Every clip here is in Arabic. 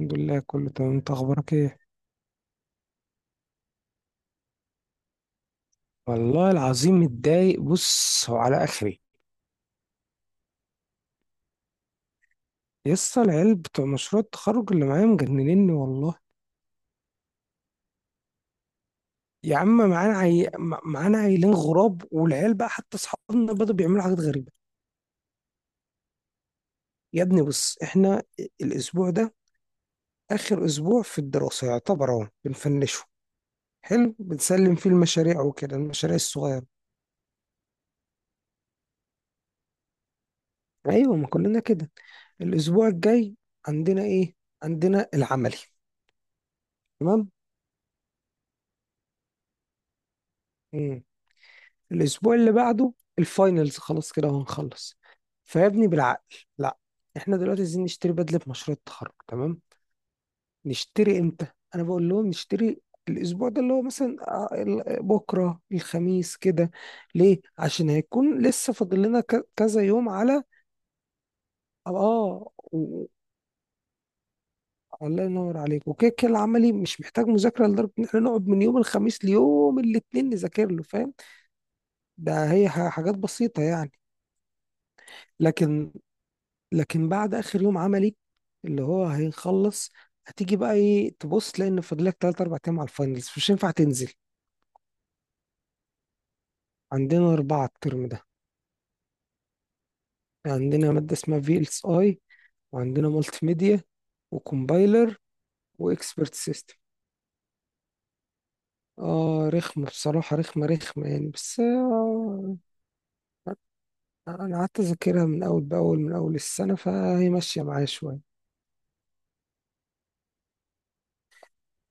الحمد لله، كله تمام. انت اخبارك ايه؟ والله العظيم متضايق. بص، هو على اخري، يسطا. العيال بتوع مشروع التخرج اللي معايا مجننني والله. يا عم، معانا معانا عيلين غراب، والعيال بقى حتى اصحابنا بدأوا بيعملوا حاجات غريبة. يا ابني بص، احنا الاسبوع ده اخر اسبوع في الدراسة يعتبر، اهو بنفنشه. حلو، بنسلم فيه المشاريع وكده، المشاريع الصغيرة. ايوه، ما كلنا كده. الاسبوع الجاي عندنا ايه؟ عندنا العملي. تمام، الاسبوع اللي بعده الفاينلز، خلاص كده وهنخلص. فيا ابني بالعقل، لا، احنا دلوقتي عايزين نشتري بدله مشروع التخرج، تمام؟ نشتري امتى؟ انا بقول لهم نشتري الاسبوع ده، اللي هو مثلا بكره الخميس كده. ليه؟ عشان هيكون لسه فاضل لنا كذا يوم على اه و- الله ينور عليك. وكده كده العملي مش محتاج مذاكره لدرجه ان احنا نقعد من يوم الخميس ليوم الاثنين نذاكر له، فاهم؟ ده هي حاجات بسيطه يعني. لكن لكن بعد اخر يوم عملي اللي هو هيخلص، هتيجي بقى ايه، تبص لان فاضلك 3 4 ايام على الفاينلز، مش هينفع تنزل. عندنا اربعه الترم ده. عندنا ماده اسمها VLSI، وعندنا مالتي ميديا، وكومبايلر، واكسبرت سيستم. اه رخمه بصراحه، رخمه رخمه يعني، بس انا قعدت اذاكرها من اول باول من اول السنه، فهي ماشيه معايا شويه.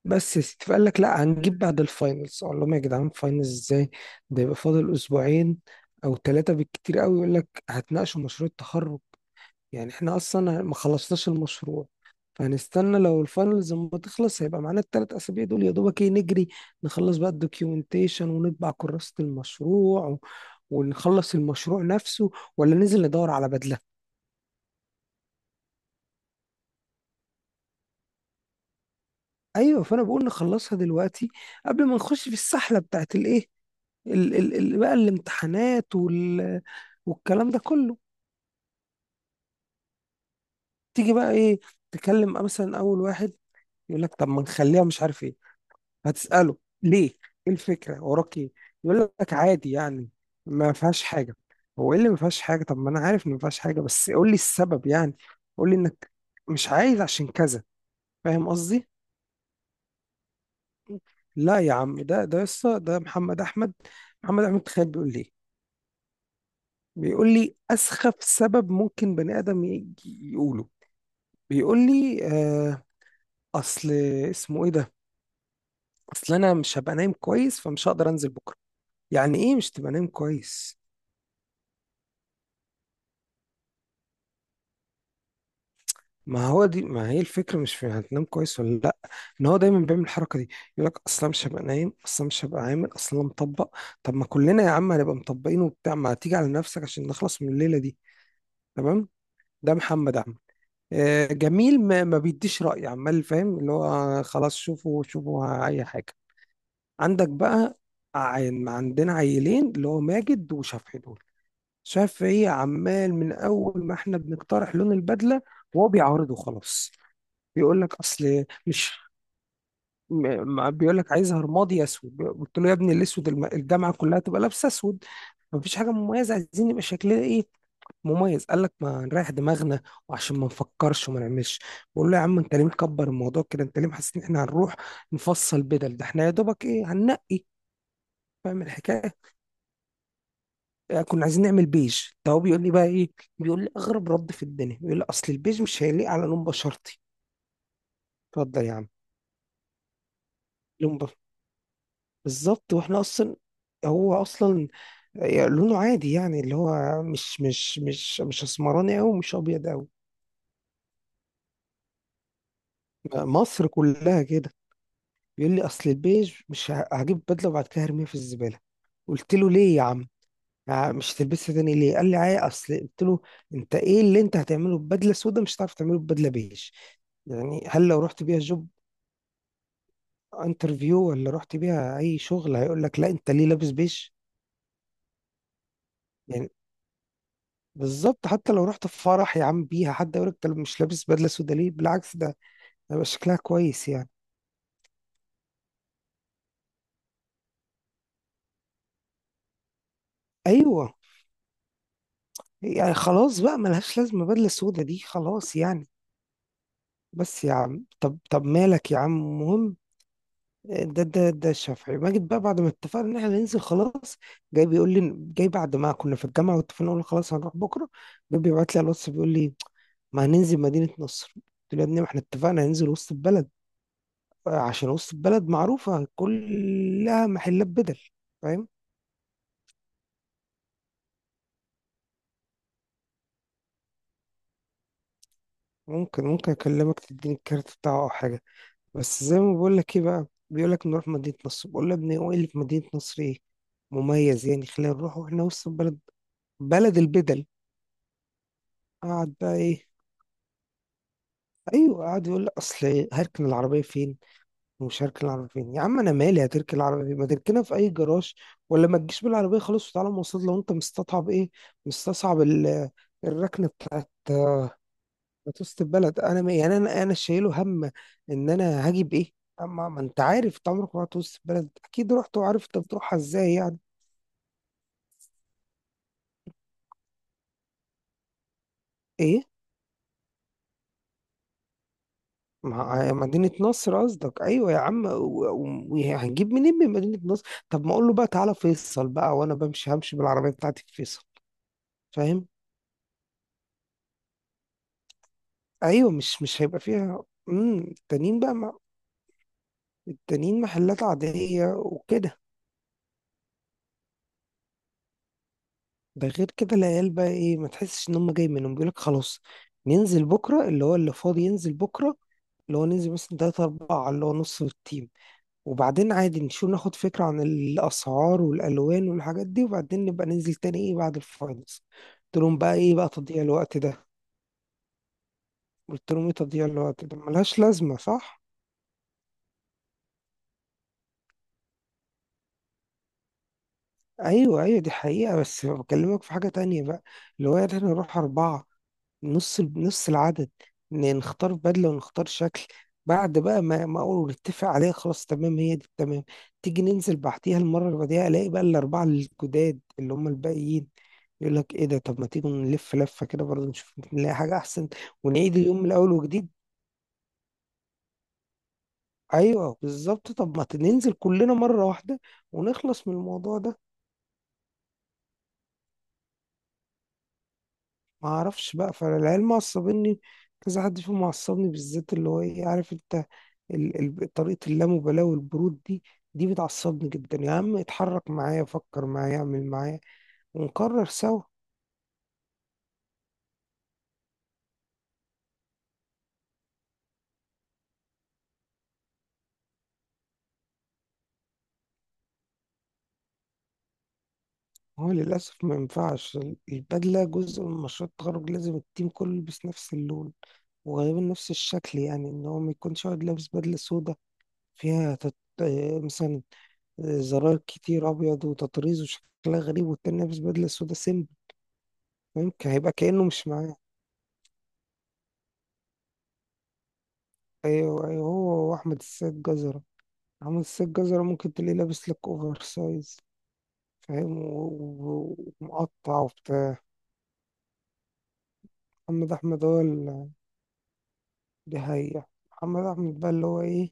بس يا ستي، فقال لك لا، هنجيب بعد الفاينلز. اقول لهم يا جدعان فاينلز ازاي؟ ده يبقى فاضل اسبوعين او ثلاثه بالكتير قوي. يقول لك هتناقشوا مشروع التخرج. يعني احنا اصلا ما خلصناش المشروع، فهنستنى لو الفاينلز لما تخلص هيبقى معانا الثلاث اسابيع دول، يا دوبك ايه، نجري نخلص بقى الدوكيومنتيشن ونطبع كراسه المشروع ونخلص المشروع نفسه، ولا ننزل ندور على بدله؟ ايوه، فانا بقول نخلصها دلوقتي قبل ما نخش في السحله بتاعت الايه، ال ال ال بقى الامتحانات والكلام ده كله. تيجي بقى ايه، تكلم مثلا اول واحد، يقول لك طب ما نخليها مش عارف ايه. هتسأله ليه، ايه الفكرة، وراك ايه؟ يقول لك عادي يعني، ما فيهاش حاجة. هو ايه اللي ما فيهاش حاجة؟ طب ما انا عارف ان ما فيهاش حاجة، بس قول لي السبب يعني، قول لي انك مش عايز عشان كذا، فاهم قصدي؟ لا يا عم، ده يسطا، ده محمد احمد. محمد احمد تخيل بيقول لي إيه؟ بيقول لي اسخف سبب ممكن بني ادم يقوله. بيقول لي اصل، اسمه ايه ده، اصل انا مش هبقى نايم كويس فمش هقدر انزل بكره. يعني ايه مش تبقى نايم كويس؟ ما هو دي، ما هي الفكره، مش في هتنام كويس ولا لا، ان هو دايما بيعمل الحركه دي، يقول لك اصل أنا مش هبقى نايم، اصل أنا مش هبقى عامل، اصل أنا مطبق. طب ما كلنا يا عم هنبقى مطبقين وبتاع، ما تيجي على نفسك عشان نخلص من الليله دي، تمام؟ ده محمد عم. جميل، ما بيديش رأي، عمال فاهم اللي هو خلاص، شوفوا شوفوا اي حاجه عندك بقى. عندنا عيلين اللي هو ماجد وشفحي دول. شفعي عمال من اول ما احنا بنقترح لون البدله وهو بيعارضه، خلاص. بيقول لك اصل مش ما بيقول لك عايزها رمادي اسود. قلت له يا ابني الاسود، الجامعه كلها تبقى لابسه اسود، مفيش حاجه مميزه. عايزين يبقى شكلنا ايه، مميز. قال لك ما نريح دماغنا وعشان ما نفكرش وما نعملش. بقول له يا عم، انت ليه مكبر الموضوع كده؟ انت ليه حاسس ان احنا هنروح نفصل بدل؟ ده احنا يا دوبك ايه، هننقي، فاهم الحكايه؟ كنا عايزين نعمل بيج، فهو بيقول لي بقى ايه، بيقول لي اغرب رد في الدنيا، بيقول لي اصل البيج مش هيليق على لون بشرتي. اتفضل يا عم، لون بشرتي. بالظبط، واحنا اصلا، هو اصلا لونه عادي يعني، اللي هو مش اسمراني قوي ومش ابيض قوي، مصر كلها كده. بيقول لي اصل البيج مش هجيب بدله وبعد كده هرميها في الزباله. قلت له ليه يا عم، مش هتلبسها تاني ليه؟ قال لي اصل. قلت له انت ايه اللي انت هتعمله ببدله سودا مش هتعرف تعمله ببدله بيج؟ يعني هل لو رحت بيها جوب انترفيو ولا رحت بيها اي شغل هيقول لك لا انت ليه لابس بيج؟ يعني بالظبط. حتى لو رحت في فرح يا عم بيها، حد يقول لك انت مش لابس بدله سودا ليه؟ بالعكس، ده هيبقى شكلها كويس يعني. ايوه، يعني خلاص بقى، ملهاش لازمه بدله سودا دي، خلاص يعني. بس يا عم، طب مالك يا عم، المهم، ده الشافعي ماجد بقى، بعد ما اتفقنا ان احنا ننزل خلاص، جاي بيقول لي، جاي بعد ما كنا في الجامعه واتفقنا قلنا خلاص هنروح بكره، جاي بيبعت لي على الواتس بيقول لي ما هننزل مدينه نصر. قلت له يا ابني ما احنا اتفقنا هننزل وسط البلد، عشان وسط البلد معروفه كلها محلات بدل، فاهم؟ ممكن اكلمك تديني الكارت بتاعه او حاجه. بس زي ما بقول لك، ايه بقى، بيقول لك نروح مدينه نصر. بقول له يا ابني هو ايه اللي في مدينه نصر، ايه مميز يعني؟ خلينا نروح واحنا وسط البلد، بلد البدل. قعد بقى ايه، ايوه، قعد يقول لي اصل هركن العربيه فين. ومش هركن العربيه فين يا عم، انا مالي هتركن العربيه فين، ما تركنها في اي جراج، ولا ما تجيش بالعربيه خلاص وتعالى مواصلات، لو انت مستصعب ايه، مستصعب الركنه بتاعت مدرسه البلد. انا يعني انا شايله هم ان انا هجيب ايه؟ اما ما انت عارف، انت عمرك ما رحت وسط البلد؟ اكيد رحت وعارف انت بتروحها ازاي يعني، ايه؟ مع آه، مدينة نصر قصدك؟ أيوة يا عم، وهنجيب منين من مدينة نصر؟ طب ما أقول له بقى تعالى فيصل بقى، وأنا بمشي همشي بالعربية بتاعتي في فيصل، فاهم؟ أيوة، مش هيبقى فيها. التانيين بقى ما... التانيين محلات عادية وكده. ده غير كده العيال بقى إيه، ما تحسش إن هم جاي منهم بيقولك خلاص ننزل بكرة، اللي هو اللي فاضي ينزل بكرة، اللي هو ننزل مثلا تلاتة أربعة، اللي هو نص التيم، وبعدين عادي نشوف ناخد فكرة عن الأسعار والألوان والحاجات دي، وبعدين نبقى ننزل تاني إيه، بعد الفاينلز. قلت لهم بقى إيه بقى تضييع الوقت ده؟ قلت لهم إيه تضييع الوقت ده، ملهاش لازمة، صح؟ ايوه، ايوه، دي حقيقة. بس بكلمك في حاجة تانية بقى، اللي هو يعني احنا نروح أربعة، نص نص العدد، نختار بدلة ونختار شكل، بعد بقى ما اقول نتفق عليها خلاص، تمام هي دي، تمام. تيجي ننزل بعديها، المرة اللي بعديها الاقي بقى الأربعة الجداد اللي هم الباقيين يقول لك ايه ده، طب ما تيجوا نلف لفة كده برضه، نشوف ممكن نلاقي حاجة أحسن، ونعيد اليوم من أول وجديد. أيوه بالظبط، طب ما ننزل كلنا مرة واحدة ونخلص من الموضوع ده. ما اعرفش بقى، فالعيال معصبني، كذا حد فيهم معصبني بالذات، اللي هو ايه عارف انت، ال... طريقة اللامبالاة والبرود دي، دي بتعصبني جدا يا عم. اتحرك معايا، فكر معايا، اعمل معايا، ونقرر سوا. هو للأسف ما ينفعش، البدلة جزء من مشروع التخرج، لازم التيم كله يلبس نفس اللون وغالبا نفس الشكل، يعني ان هو ما يكونش واحد لابس بدلة سودا فيها مثلا زرار كتير ابيض وتطريز وشكلها غريب، والتاني لابس بدلة سودا سيمبل، ممكن هيبقى كأنه مش معاه. ايوه، ايوه، هو واحمد السيد جزرة، احمد السيد جزرة ممكن تلاقيه لابس لك اوفر سايز، فاهم، ومقطع وبتاع. محمد احمد هو اللي بيهيع، محمد احمد بقى اللي هو ايه،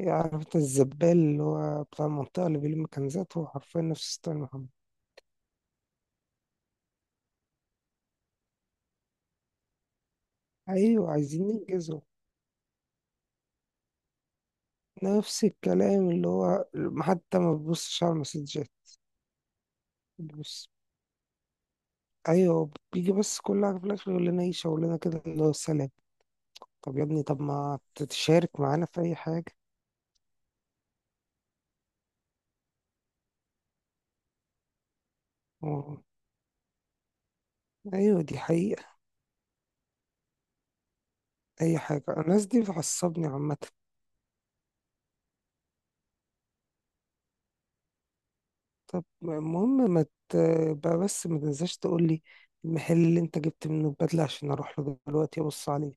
إيه، عارف انت الزبال اللي هو بتاع المنطقة اللي بيلم كنزات، هو حرفيا نفس ستايل محمد. ايوه عايزين ننجزه، نفس الكلام، اللي هو حتى ما بيبصش على المسجات. بيبص، ايوه، بيجي، بس كل حاجة في الاخر يقول لنا ايه، شاور لنا كده اللي هو سلام. طب يا ابني، طب ما تتشارك معانا في أي حاجة. أه، أيوة دي حقيقة. أي حاجة، الناس دي بتعصبني عامة. طب المهم، ما تبقى بس ما تنساش تقول لي المحل اللي أنت جبت منه البدلة عشان أروح له دلوقتي أبص عليه.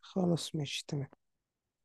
خلاص، ماشي، تمام.